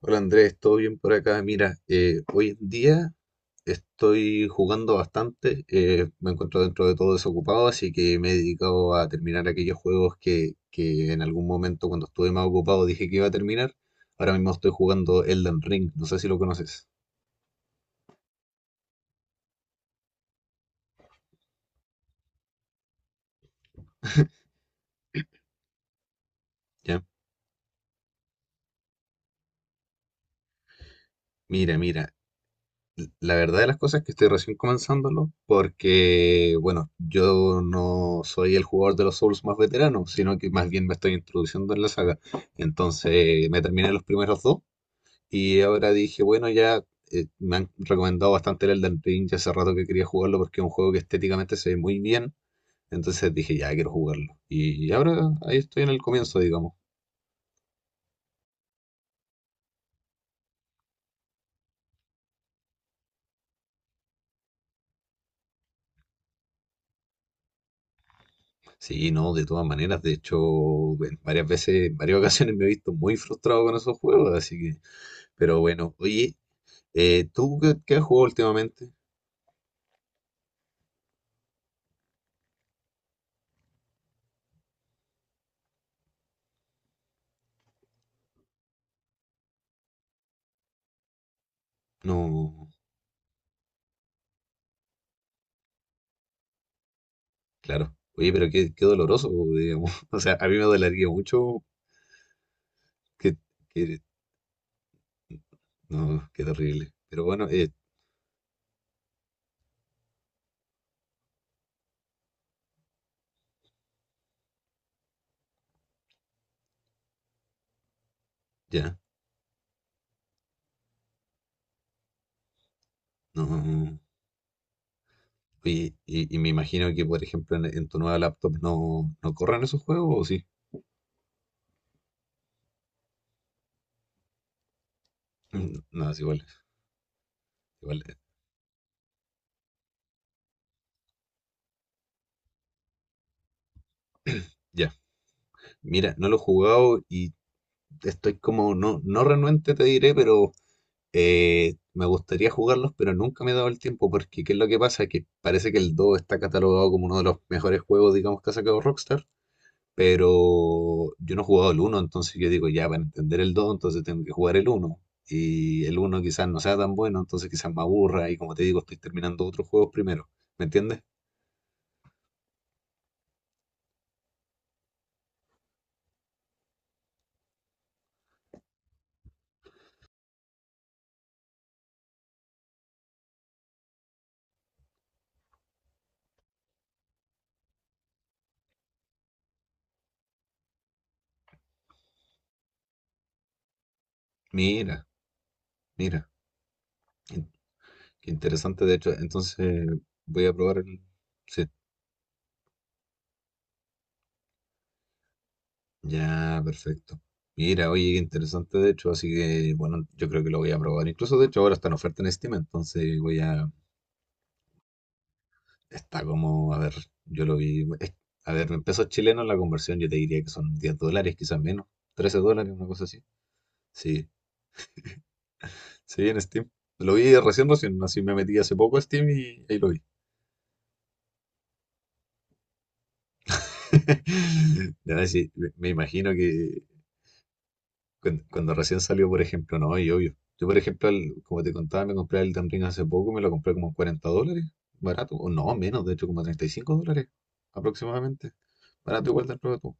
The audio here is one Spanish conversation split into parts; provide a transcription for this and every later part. Hola Andrés, ¿todo bien por acá? Mira, hoy en día estoy jugando bastante, me encuentro dentro de todo desocupado, así que me he dedicado a terminar aquellos juegos que en algún momento cuando estuve más ocupado dije que iba a terminar. Ahora mismo estoy jugando Elden Ring, no sé si lo conoces. ¿Ya? Mira, la verdad de las cosas es que estoy recién comenzándolo porque, bueno, yo no soy el jugador de los Souls más veterano, sino que más bien me estoy introduciendo en la saga. Entonces me terminé los primeros dos y ahora dije, bueno, ya, me han recomendado bastante el Elden Ring, ya hace rato que quería jugarlo porque es un juego que estéticamente se ve muy bien. Entonces dije, ya quiero jugarlo. Y ahora ahí estoy en el comienzo, digamos. Sí, no, de todas maneras, de hecho, en varias veces, en varias ocasiones me he visto muy frustrado con esos juegos, así que... Pero bueno, oye, ¿tú qué has jugado últimamente? No, claro. Oye, pero qué doloroso, digamos. O sea, a mí me dolería mucho que, que- no, qué terrible. Pero bueno, ya, no. Oye, y me imagino que, por ejemplo, en tu nueva laptop no, no corran esos juegos, ¿o sí? Mm, no, es igual, igual. Ya. Mira, no lo he jugado y estoy como, no, no renuente te diré, pero me gustaría jugarlos, pero nunca me he dado el tiempo porque ¿qué es lo que pasa? Que parece que el 2 está catalogado como uno de los mejores juegos, digamos, que ha sacado Rockstar, pero yo no he jugado el uno, entonces yo digo, ya, para entender el 2 entonces tengo que jugar el uno. Y el uno quizás no sea tan bueno, entonces quizás me aburra y como te digo, estoy terminando otros juegos primero, ¿me entiendes? Mira, mira, in- qué interesante de hecho, entonces voy a probar el... Sí. Ya, perfecto. Mira, oye, qué interesante de hecho, así que bueno, yo creo que lo voy a probar. Incluso de hecho ahora está en oferta en Steam, entonces voy a... Está como, a ver, yo lo vi... es- a ver, en pesos chilenos la conversión yo te diría que son $10, quizás menos. $13, una cosa así. Sí, sí, en Steam. Lo vi recién, recién, así me metí hace poco a Steam y ahí lo vi. Ya, sí, me imagino que cuando, cuando recién salió, por ejemplo, no, y obvio. Yo, por ejemplo, como te contaba, me compré el Elden Ring hace poco, me lo compré como en $40, barato, o no, menos, de hecho, como $35 aproximadamente. Barato igual del juego tú.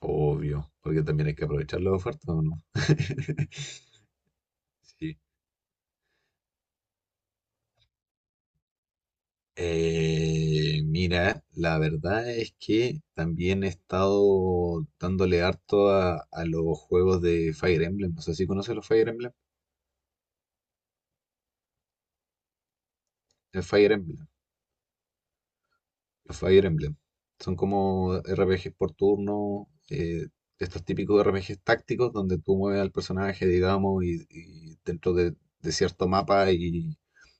Obvio, porque también hay que aprovechar la oferta, ¿o no? Sí. Mira, la verdad es que también he estado dándole harto a, los juegos de Fire Emblem. No sé si conoces los Fire Emblem. El Fire Emblem. Los Fire Emblem. Son como RPGs por turno, estos típicos RPGs tácticos donde tú mueves al personaje, digamos, y dentro de cierto mapa y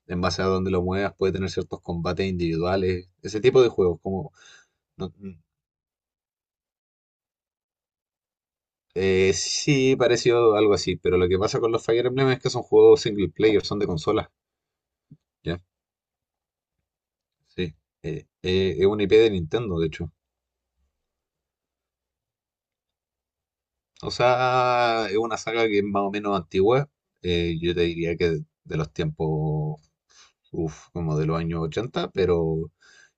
en base a donde lo muevas puede tener ciertos combates individuales. Ese tipo de juegos, como... no- n- sí, pareció algo así, pero lo que pasa con los Fire Emblem es que son juegos single player, son de consolas, ¿ya? Sí. Es una IP de Nintendo, de hecho. O sea, es una saga que es más o menos antigua. Yo te diría que de los tiempos, uf, como de los años 80, pero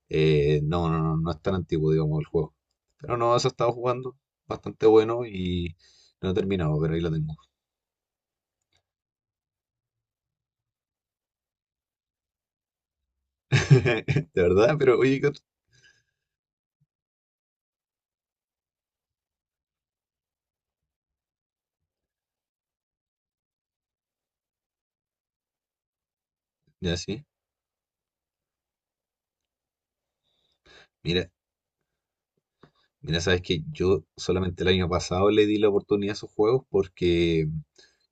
no es tan antiguo, digamos, el juego. Pero no, eso he estado jugando, bastante bueno y no he terminado, pero ahí lo tengo. De verdad, pero oye, ¿qué ya sí. Mira, mira, sabes que yo solamente el año pasado le di la oportunidad a esos juegos porque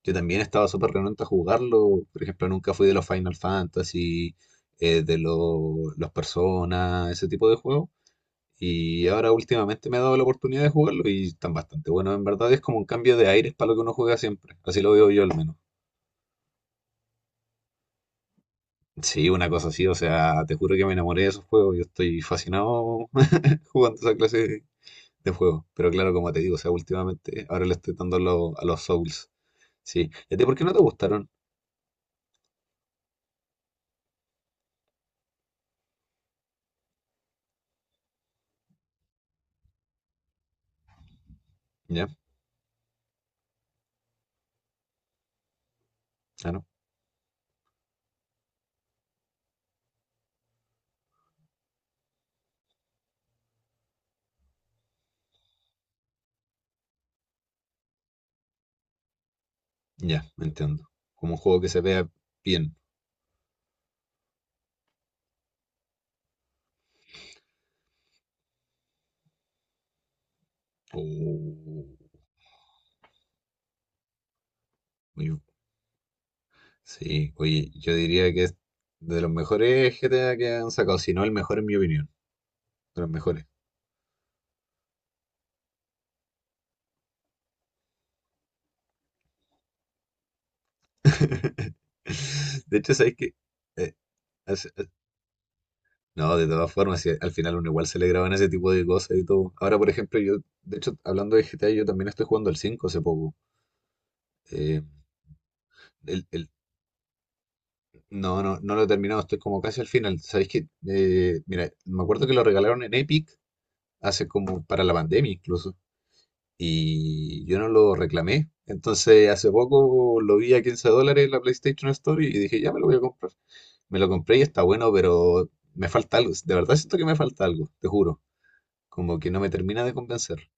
yo también estaba súper renuente a jugarlo. Por ejemplo, nunca fui de los Final Fantasy, los Persona, ese tipo de juegos. Y ahora últimamente me ha dado la oportunidad de jugarlo y están bastante buenos. En verdad es como un cambio de aires para lo que uno juega siempre. Así lo veo yo al menos. Sí, una cosa así. O sea, te juro que me enamoré de esos juegos. Yo estoy fascinado jugando esa clase de juego. Pero claro, como te digo, o sea, últimamente ahora le estoy dando a los Souls. Sí. ¿Y a ti por qué no te gustaron? Ya, claro. Ya, entiendo. Como un juego que se vea bien. Oh, oye, sí, oye, yo diría que es de los mejores GTA que han sacado, si no el mejor en mi opinión. De los mejores. De hecho, ¿sabes qué? Eh, hace- eh, no, de todas formas, sí, al final uno igual se le graban ese tipo de cosas y todo. Ahora, por ejemplo, yo, de hecho, hablando de GTA, yo también estoy jugando el 5 hace poco. Eh, El, el- no, no, no lo he terminado, estoy como casi al final. ¿Sabéis qué? Mira, me acuerdo que lo regalaron en Epic hace como para la pandemia incluso. Y yo no lo reclamé. Entonces hace poco lo vi a $15 en la PlayStation Store y dije, ya me lo voy a comprar. Me lo compré y está bueno, pero me falta algo. De verdad siento que me falta algo, te juro. Como que no me termina de convencer.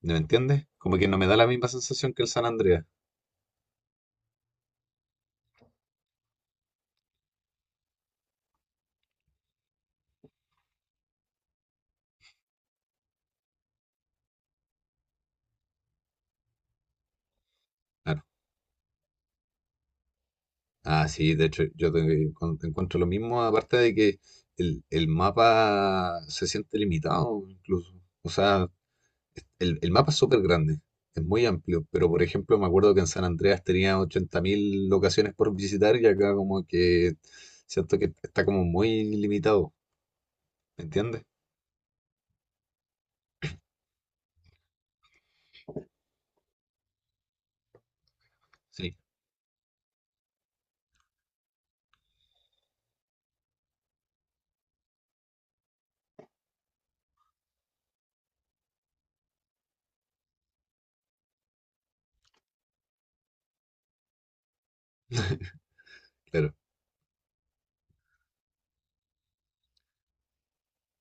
¿Me entiendes? Como que no me da la misma sensación que el San Andreas. Claro. Ah, sí, de hecho, te encuentro lo mismo, aparte de que el mapa se siente limitado incluso. O sea, el mapa es súper grande, es muy amplio, pero por ejemplo me acuerdo que en San Andreas tenía 80.000 locaciones por visitar y acá como que siento que está como muy limitado, ¿me entiendes? Sí, claro.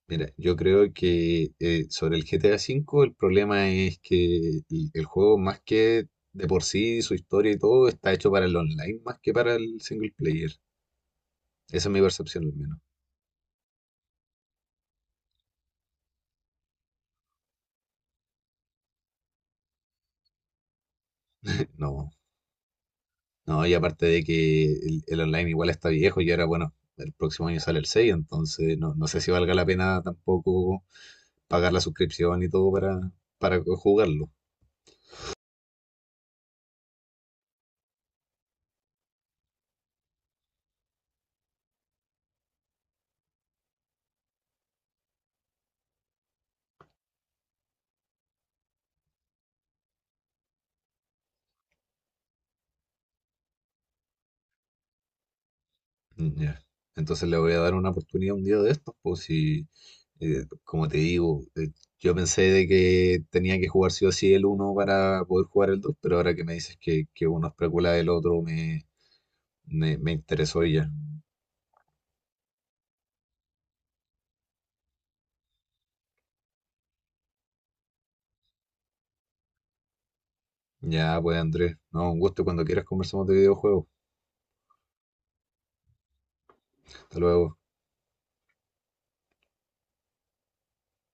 Mira, yo creo que sobre el GTA V el problema es que el juego más que de por sí, su historia y todo, está hecho para el online más que para el single player. Esa es mi percepción al menos. No, no, y aparte de que el online igual está viejo y ahora, bueno, el próximo año sale el 6, entonces no, no sé si valga la pena tampoco pagar la suscripción y todo para, jugarlo. Mm, ya. Entonces le voy a dar una oportunidad un día de estos, pues si, como te digo, yo pensé de que tenía que jugar sí o sí el uno para poder jugar el 2 pero ahora que me dices que, uno es precuela del otro, me interesó y ya. Ya, pues Andrés, no, un gusto cuando quieras conversamos de videojuegos. Hasta luego.